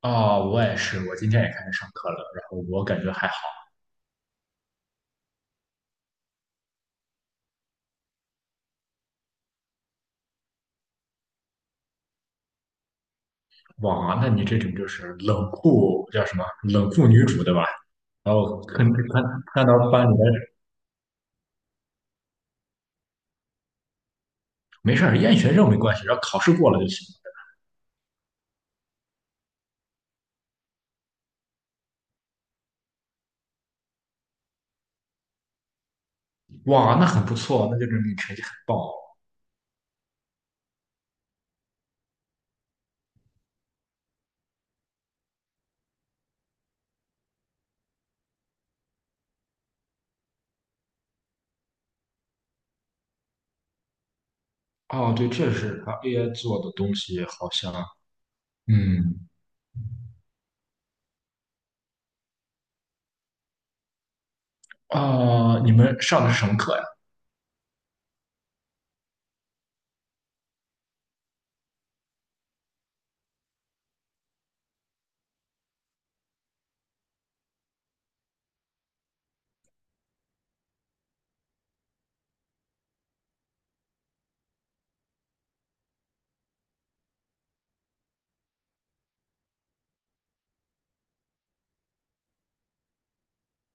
啊，我也是，我今天也开始上课了，然后我感觉还好。哇，那你这种就是冷酷叫什么？冷酷女主对吧？然后看看看到班里面。没事儿，厌学生没关系，只要考试过了就行。哇，那很不错，那就证明你成绩很棒。哦。哦，对，这是他 AI 做的东西，好像嗯。啊、你们上的是什么课呀？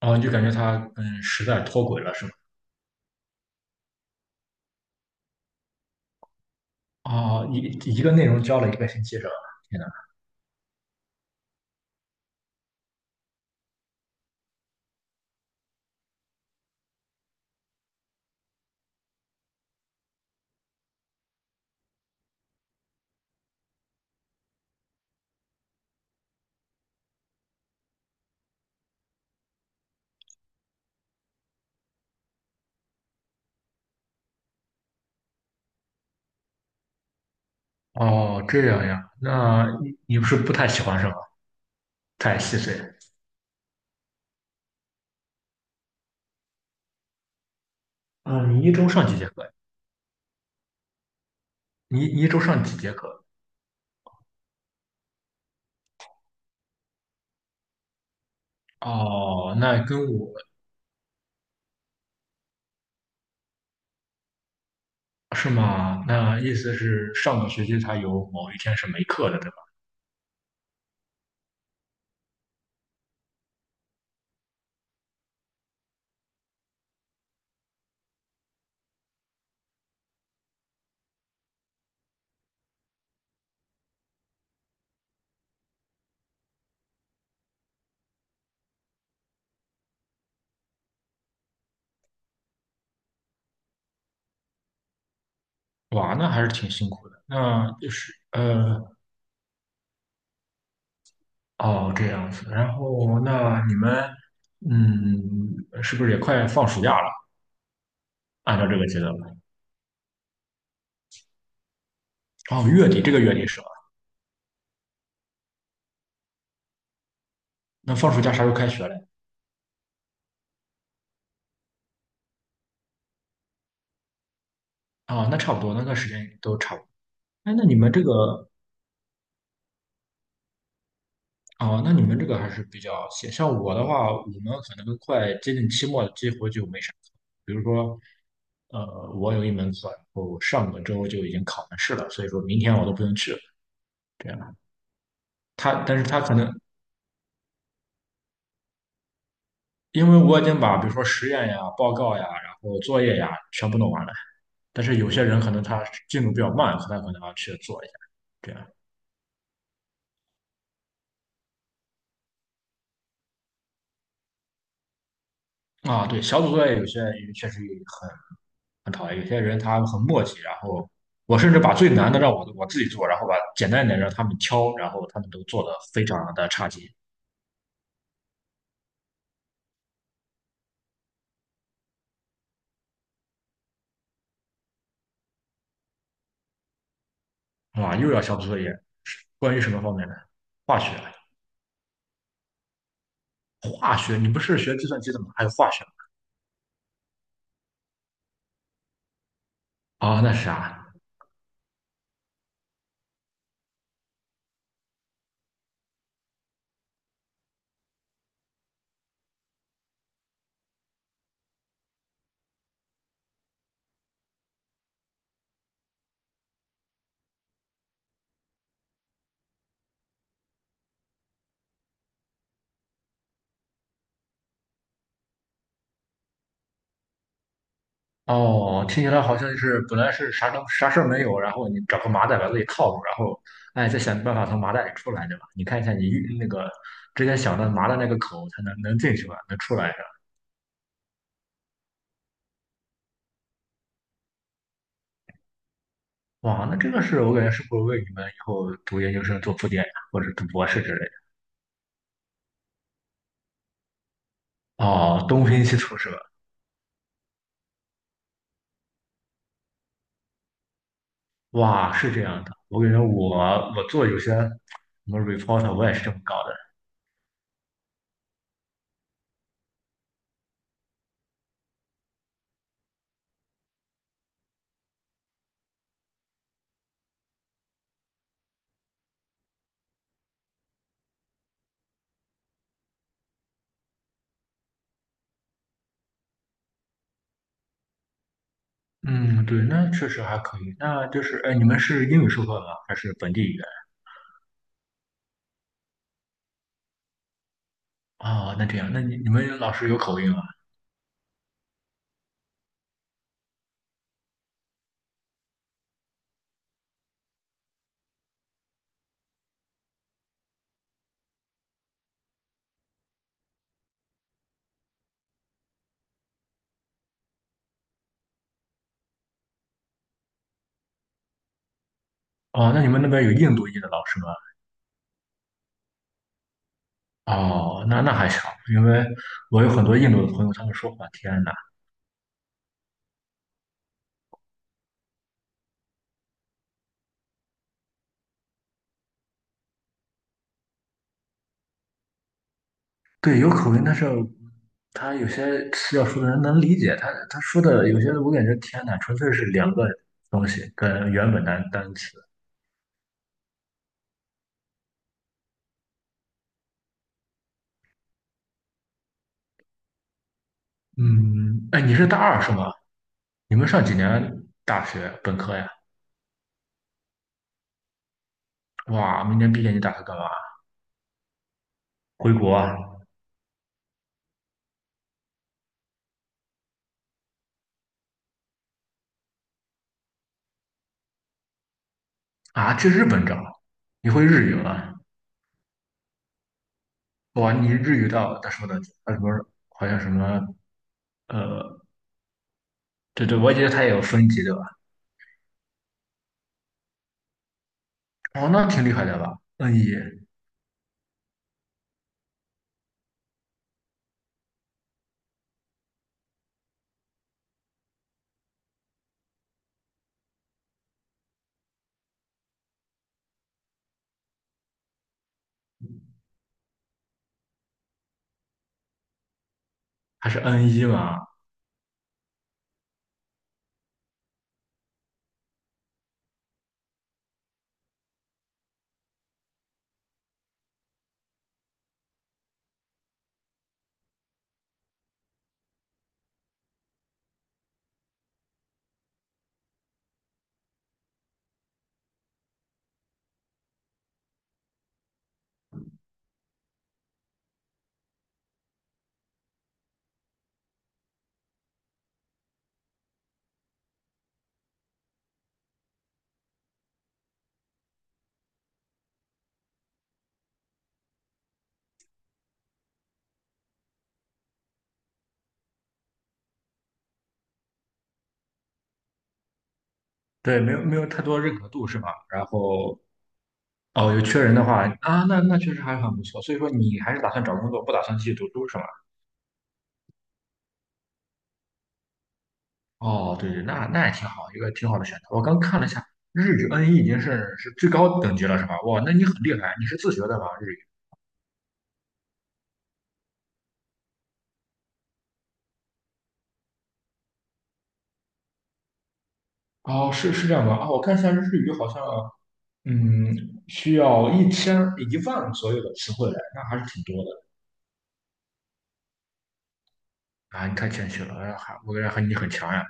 哦，你就感觉他跟时代脱轨了是吗？啊，一个内容教了一个星期是吧？天呐！哦，这样呀，那你不是不太喜欢是吗？太细碎。嗯，你一周上几节课你一周上几节课？哦，那跟我是吗？那意思是上个学期他有某一天是没课的，对吧？哇，那还是挺辛苦的。那就是哦，这样子。然后那你们，嗯，是不是也快放暑假了？按照这个节奏来。哦，月底这个月底是吧？那放暑假啥时候开学嘞？啊、那差不多，那个时间都差不多。哎，那你们这个。哦，那你们这个还是比较闲。像我的话，我们可能都快接近期末了，这回就没啥课。比如说，呃，我有一门课，然后上个周就已经考完试了，所以说明天我都不用去了。这样，他，但是他可能因为我已经把比如说实验呀、报告呀、然后作业呀全部弄完了，但是有些人可能他进度比较慢，他可能要去做一下。这样。啊，对，小组作业有些也确实很。很讨厌。有些人他很磨叽，然后我甚至把最难的让我自己做，然后把简单一点让他们挑，然后他们都做的非常的差劲。啊！又要小组作业，关于什么方面的？化学，化学，你不是学计算机的吗？还有化学。啊、那是啥？哦，听起来好像就是本来是啥都啥事儿没有，然后你找个麻袋把自己套住，然后哎再想办法从麻袋里出来，对吧？你看一下你那个之前想的麻的那个口，它能进去吗？能出来？哇，那这个是我感觉是不是为你们以后读研究生做铺垫呀，或者读博士之类的？哦，东拼西凑是吧？哇，是这样的，我感觉我做有些什么 report，我也是这么搞的。嗯，对，那确实还可以。那就是，哎，你们是英语授课吗？还是本地语言？哦，那这样，那你们老师有口音啊？哦，那你们那边有印度裔的老师吗？哦，那那还行，因为我有很多印度的朋友，他们说话，天呐。对，有口音，但是他有些词要说的人能理解，他说的有些我感觉天呐，纯粹是两个东西跟原本单词。嗯，哎，你是大二是吗？你们上几年大学本科呀？哇，明年毕业你打算干嘛？回国啊？啊，去日本找？你会日语吗？哇，你日语到他说的他什么？好像什么呃，对对，我觉得他也有分级对吧？哦，那挺厉害的吧？N 一。还是 N 一嘛？对，没有没有太多认可度是吧？然后哦，有缺人的话啊，那那确实还很不错。所以说你还是打算找工作，不打算继续读书是吗？哦，对对，那那也挺好，一个挺好的选择。我刚看了一下，日语 N1 已经是最高等级了是吧？哇，那你很厉害，你是自学的吧日语？哦，是是这样的啊，我看一下日语好像嗯需要1万左右的词汇来，那还是挺多的啊，你太谦虚了，还我感觉还你很强呀。